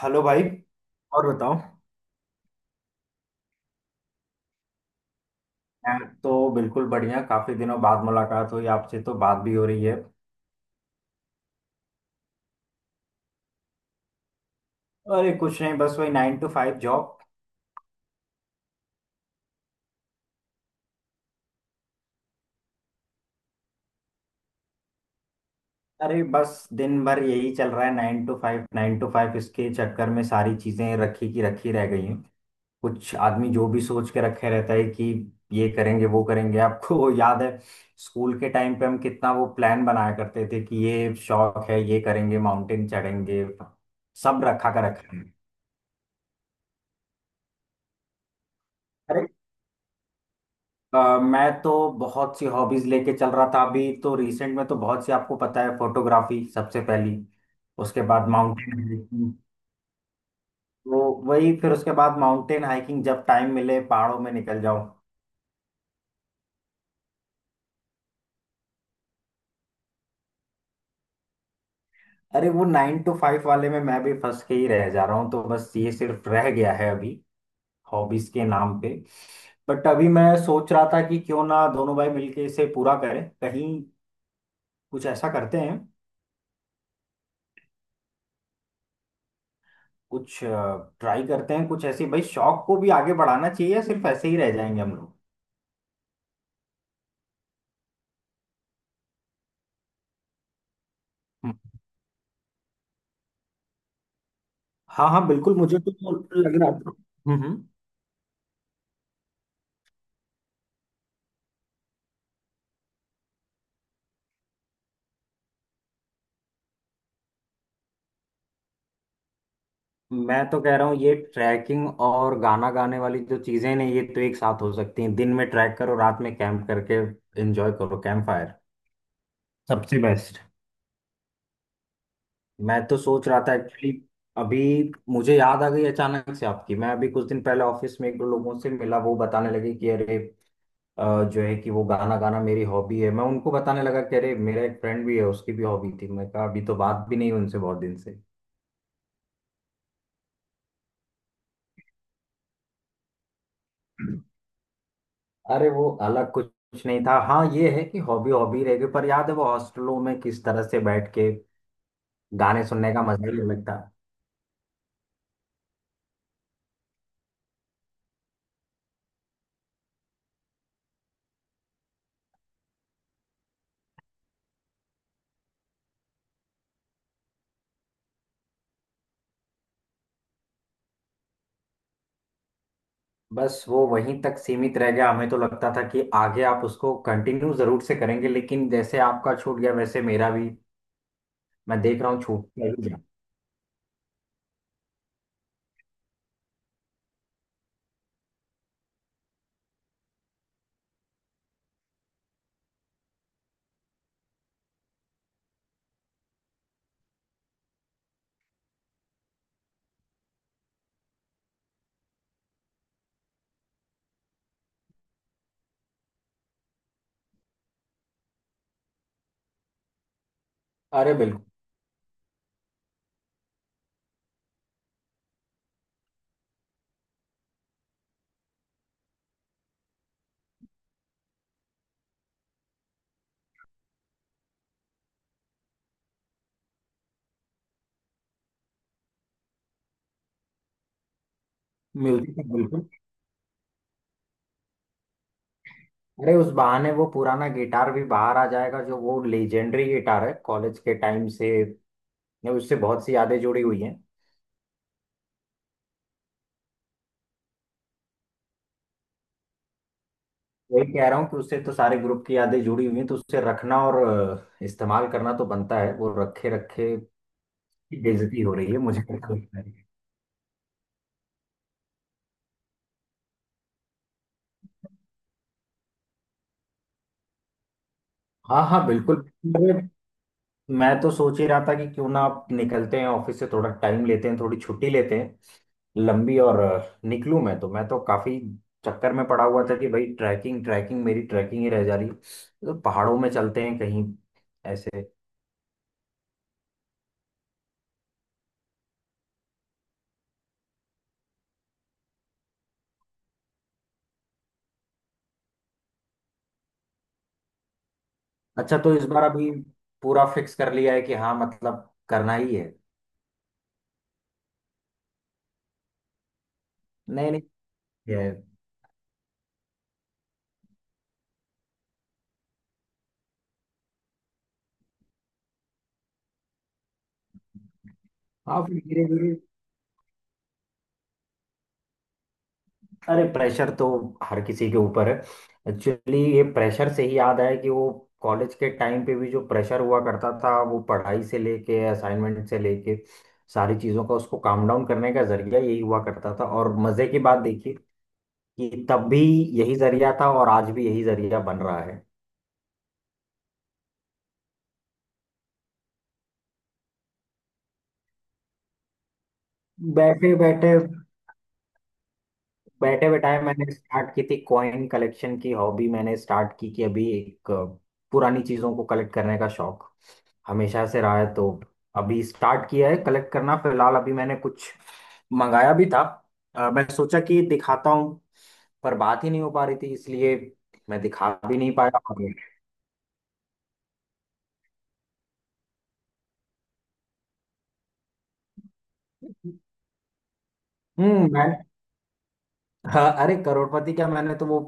Hello भाई। और बताओ। मैं तो बिल्कुल बढ़िया। काफी दिनों बाद मुलाकात हुई आपसे, तो बात भी हो रही है। अरे कुछ नहीं, बस वही 9 to 5 जॉब। अरे बस दिन भर यही चल रहा है, 9 to 5 9 to 5, इसके चक्कर में सारी चीजें रखी की रखी रह गई हैं। कुछ आदमी जो भी सोच के रखे रहता है कि ये करेंगे वो करेंगे। आपको याद है? स्कूल के टाइम पे हम कितना वो प्लान बनाया करते थे, कि ये शौक है ये करेंगे, माउंटेन चढ़ेंगे। सब रखा कर रखा है। मैं तो बहुत सी हॉबीज लेके चल रहा था। अभी तो रिसेंट में तो बहुत सी, आपको पता है, फोटोग्राफी सबसे पहली। उसके बाद माउंटेन हाइकिंग। तो वही, फिर उसके बाद माउंटेन हाइकिंग, जब टाइम मिले पहाड़ों में निकल जाऊं। अरे वो 9 to 5 वाले में मैं भी फंस के ही रह जा रहा हूँ, तो बस ये सिर्फ रह गया है अभी, हॉबीज के नाम पे। बट अभी मैं सोच रहा था कि क्यों ना दोनों भाई मिलके इसे पूरा करें। कहीं कुछ ऐसा करते हैं। कुछ ट्राई करते हैं कुछ ऐसे। भाई शौक को भी आगे बढ़ाना चाहिए, या सिर्फ ऐसे ही रह जाएंगे हम लोग? हम्म, हाँ हाँ बिल्कुल, मुझे तो लग रहा था। हम्म हम्म। मैं तो कह रहा हूँ ये ट्रैकिंग और गाना गाने वाली जो चीजें हैं ये तो एक साथ हो सकती हैं। दिन में ट्रैक करो, रात में कैंप करके एंजॉय करो, कैंप फायर सबसे बेस्ट। मैं तो सोच रहा था एक्चुअली। अभी मुझे याद आ गई अचानक से आपकी। मैं अभी कुछ दिन पहले ऑफिस में एक दो लोगों से मिला, वो बताने लगे कि अरे जो है कि वो गाना गाना मेरी हॉबी है। मैं उनको बताने लगा कि अरे मेरा एक फ्रेंड भी है, उसकी भी हॉबी थी। मैं कहा अभी तो बात भी नहीं हुई उनसे बहुत दिन से। अरे वो अलग कुछ कुछ नहीं था। हाँ ये है कि हॉबी हॉबी रह गई, पर याद है वो हॉस्टलों में किस तरह से बैठ के गाने सुनने का मजा ही अलग था। बस वो वहीं तक सीमित रह गया। हमें तो लगता था कि आगे आप उसको कंटिन्यू जरूर से करेंगे, लेकिन जैसे आपका छूट गया वैसे मेरा भी, मैं देख रहा हूँ, छूट ही गया। अरे बिल्कुल। म्यूजिक बिल्कुल। अरे उस बहाने वो पुराना गिटार भी बाहर आ जाएगा, जो वो लेजेंडरी गिटार है कॉलेज के टाइम से ने, उससे बहुत सी यादें जुड़ी हुई हैं। वही कह रहा हूँ कि उससे तो सारे ग्रुप की यादें जुड़ी हुई हैं, तो उससे रखना और इस्तेमाल करना तो बनता है, वो रखे रखे की बेइज्जती हो रही है, मुझे ऐसा लगता है। हाँ हाँ बिल्कुल। अरे मैं तो सोच ही रहा था कि क्यों ना आप निकलते हैं ऑफिस से, थोड़ा टाइम लेते हैं, थोड़ी छुट्टी लेते हैं लंबी, और निकलूं। मैं तो काफी चक्कर में पड़ा हुआ था कि भाई ट्रैकिंग ट्रैकिंग मेरी ट्रैकिंग ही रह जा रही है। तो पहाड़ों में चलते हैं कहीं ऐसे। अच्छा तो इस बार अभी पूरा फिक्स कर लिया है कि हाँ, मतलब करना ही है? नहीं नहीं, है। हाँ फिर धीरे धीरे। अरे प्रेशर तो हर किसी के ऊपर है। एक्चुअली ये प्रेशर से ही याद आया कि वो कॉलेज के टाइम पे भी जो प्रेशर हुआ करता था, वो पढ़ाई से लेके असाइनमेंट से लेके सारी चीज़ों का उसको काम डाउन करने का जरिया यही हुआ करता था। और मज़े की बात देखिए कि तब भी यही जरिया था, और आज भी यही जरिया बन रहा है। बैठे बैठे, बैठे बैठाए मैंने स्टार्ट की थी कॉइन कलेक्शन की हॉबी, मैंने स्टार्ट की कि अभी एक पुरानी चीज़ों को कलेक्ट करने का शौक हमेशा से रहा है, तो। अभी स्टार्ट किया है कलेक्ट करना। फिलहाल अभी मैंने कुछ मंगाया भी था, मैं सोचा कि दिखाता हूँ, पर बात ही नहीं हो पा रही थी, इसलिए मैं दिखा भी नहीं पाया मैं, हाँ, अरे करोड़पति क्या! मैंने तो वो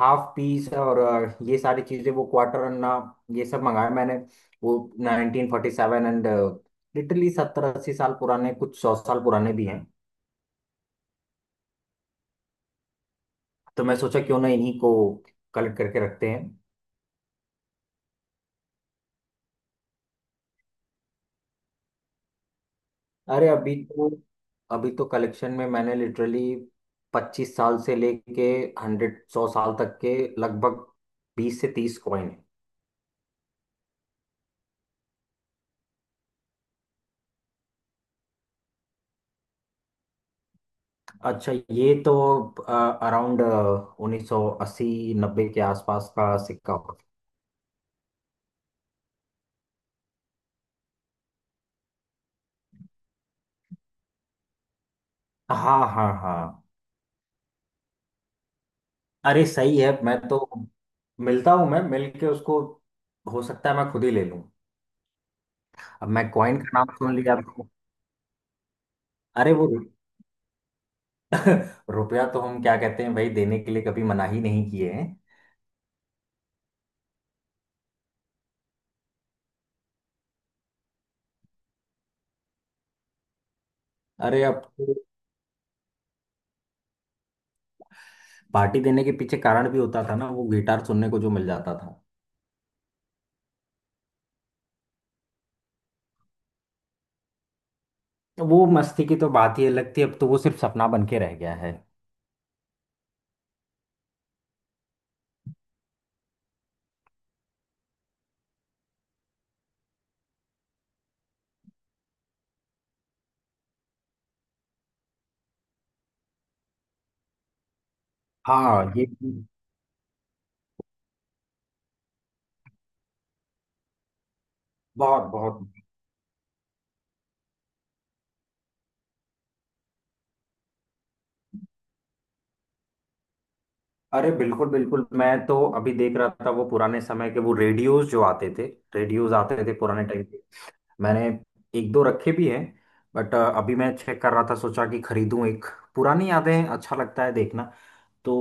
हाफ पीस और ये सारी चीजें, वो क्वार्टर अन्ना, ये सब मंगाया मैंने। वो 1947 एंड लिटरली 70 80 साल पुराने, कुछ 100 साल पुराने भी हैं। तो मैं सोचा क्यों ना इन्हीं को कलेक्ट करके रखते हैं। अरे अभी तो कलेक्शन में मैंने लिटरली 25 साल से लेके 100 साल तक के, लगभग 20 से 30 कॉइन है। अच्छा ये तो अराउंड 1980 90 के आसपास का सिक्का होगा। हाँ हाँ हाँ। अरे सही है, मैं तो मिलता हूँ, मैं मिल के उसको, हो सकता है मैं खुद ही ले लूँ। अब मैं कॉइन का नाम सुन लिया तो। अरे वो रुपया तो हम क्या कहते हैं भाई, देने के लिए कभी मना ही नहीं किए हैं। अरे अब तो पार्टी देने के पीछे कारण भी होता था ना, वो गिटार सुनने को जो मिल जाता था। वो मस्ती की तो बात ही अलग थी, अब तो वो सिर्फ सपना बन के रह गया है। हाँ ये बहुत बहुत। अरे बिल्कुल बिल्कुल, मैं तो अभी देख रहा था वो पुराने समय के वो रेडियोज जो आते थे, रेडियोज आते थे पुराने टाइम के। मैंने एक दो रखे भी हैं। बट अभी मैं चेक कर रहा था, सोचा कि खरीदूं एक, पुरानी यादें हैं, अच्छा लगता है देखना। तो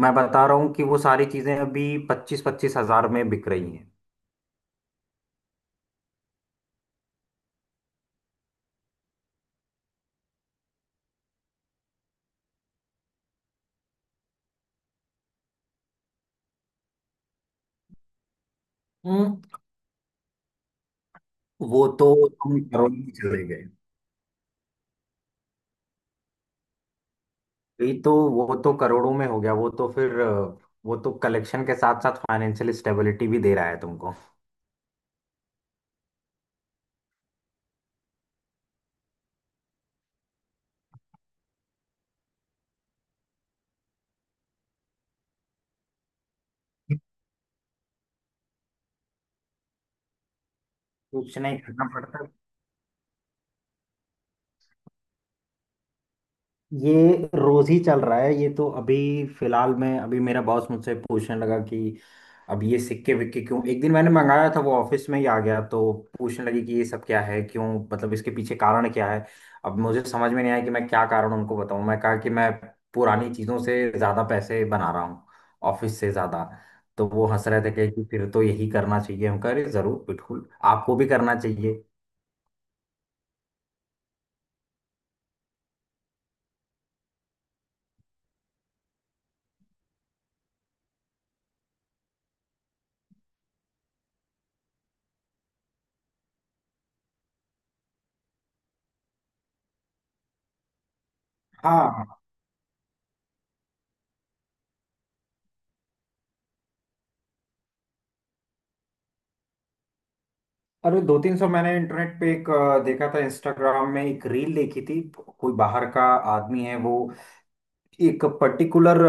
मैं बता रहा हूँ कि वो सारी चीजें अभी 25 25 हजार में बिक रही हैं। हम्म। वो तो तुम करोड़ में चले गए। ये तो, वो तो करोड़ों में हो गया, वो तो फिर वो तो कलेक्शन के साथ साथ फाइनेंशियल स्टेबिलिटी भी दे रहा है तुमको। कुछ नहीं करना पड़ता। ये रोज ही चल रहा है ये तो। अभी फिलहाल में अभी मेरा बॉस मुझसे पूछने लगा कि अब ये सिक्के विक्के क्यों। एक दिन मैंने मंगाया था वो ऑफिस में ही आ गया, तो पूछने लगी कि ये सब क्या है, क्यों, मतलब इसके पीछे कारण क्या है। अब मुझे समझ में नहीं आया कि मैं क्या कारण उनको बताऊं। मैं कहा कि मैं पुरानी चीजों से ज्यादा पैसे बना रहा हूँ, ऑफिस से ज्यादा। तो वो हंस रहे थे कि फिर तो यही करना चाहिए। हम कह रहे जरूर, बिल्कुल आपको भी करना चाहिए। हाँ। अरे 2 3 सौ, मैंने इंटरनेट पे एक देखा था, इंस्टाग्राम में एक रील देखी थी, कोई बाहर का आदमी है वो, एक पर्टिकुलर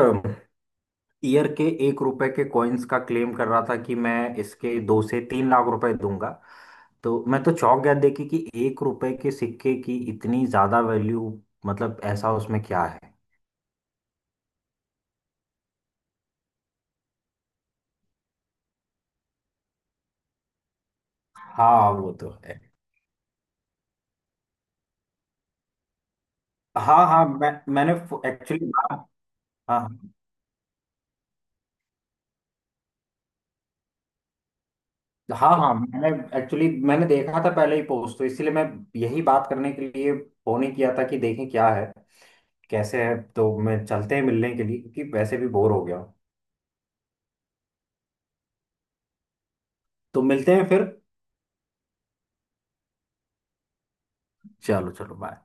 ईयर के 1 रुपए के कॉइन्स का क्लेम कर रहा था कि मैं इसके 2 से 3 लाख रुपए दूंगा। तो मैं तो चौंक गया देखी कि 1 रुपए के सिक्के की इतनी ज्यादा वैल्यू, मतलब ऐसा उसमें क्या है। हाँ वो तो है। हाँ हाँ, मैंने एक्चुअली, हाँ, हाँ। हाँ हाँ, मैंने एक्चुअली मैंने देखा था पहले ही पोस्ट, तो इसलिए मैं यही बात करने के लिए फोन ही किया था कि देखें क्या है कैसे है। तो मैं चलते हैं मिलने के लिए, क्योंकि वैसे भी बोर हो गया हूँ। तो मिलते हैं फिर। चलो चलो, बाय।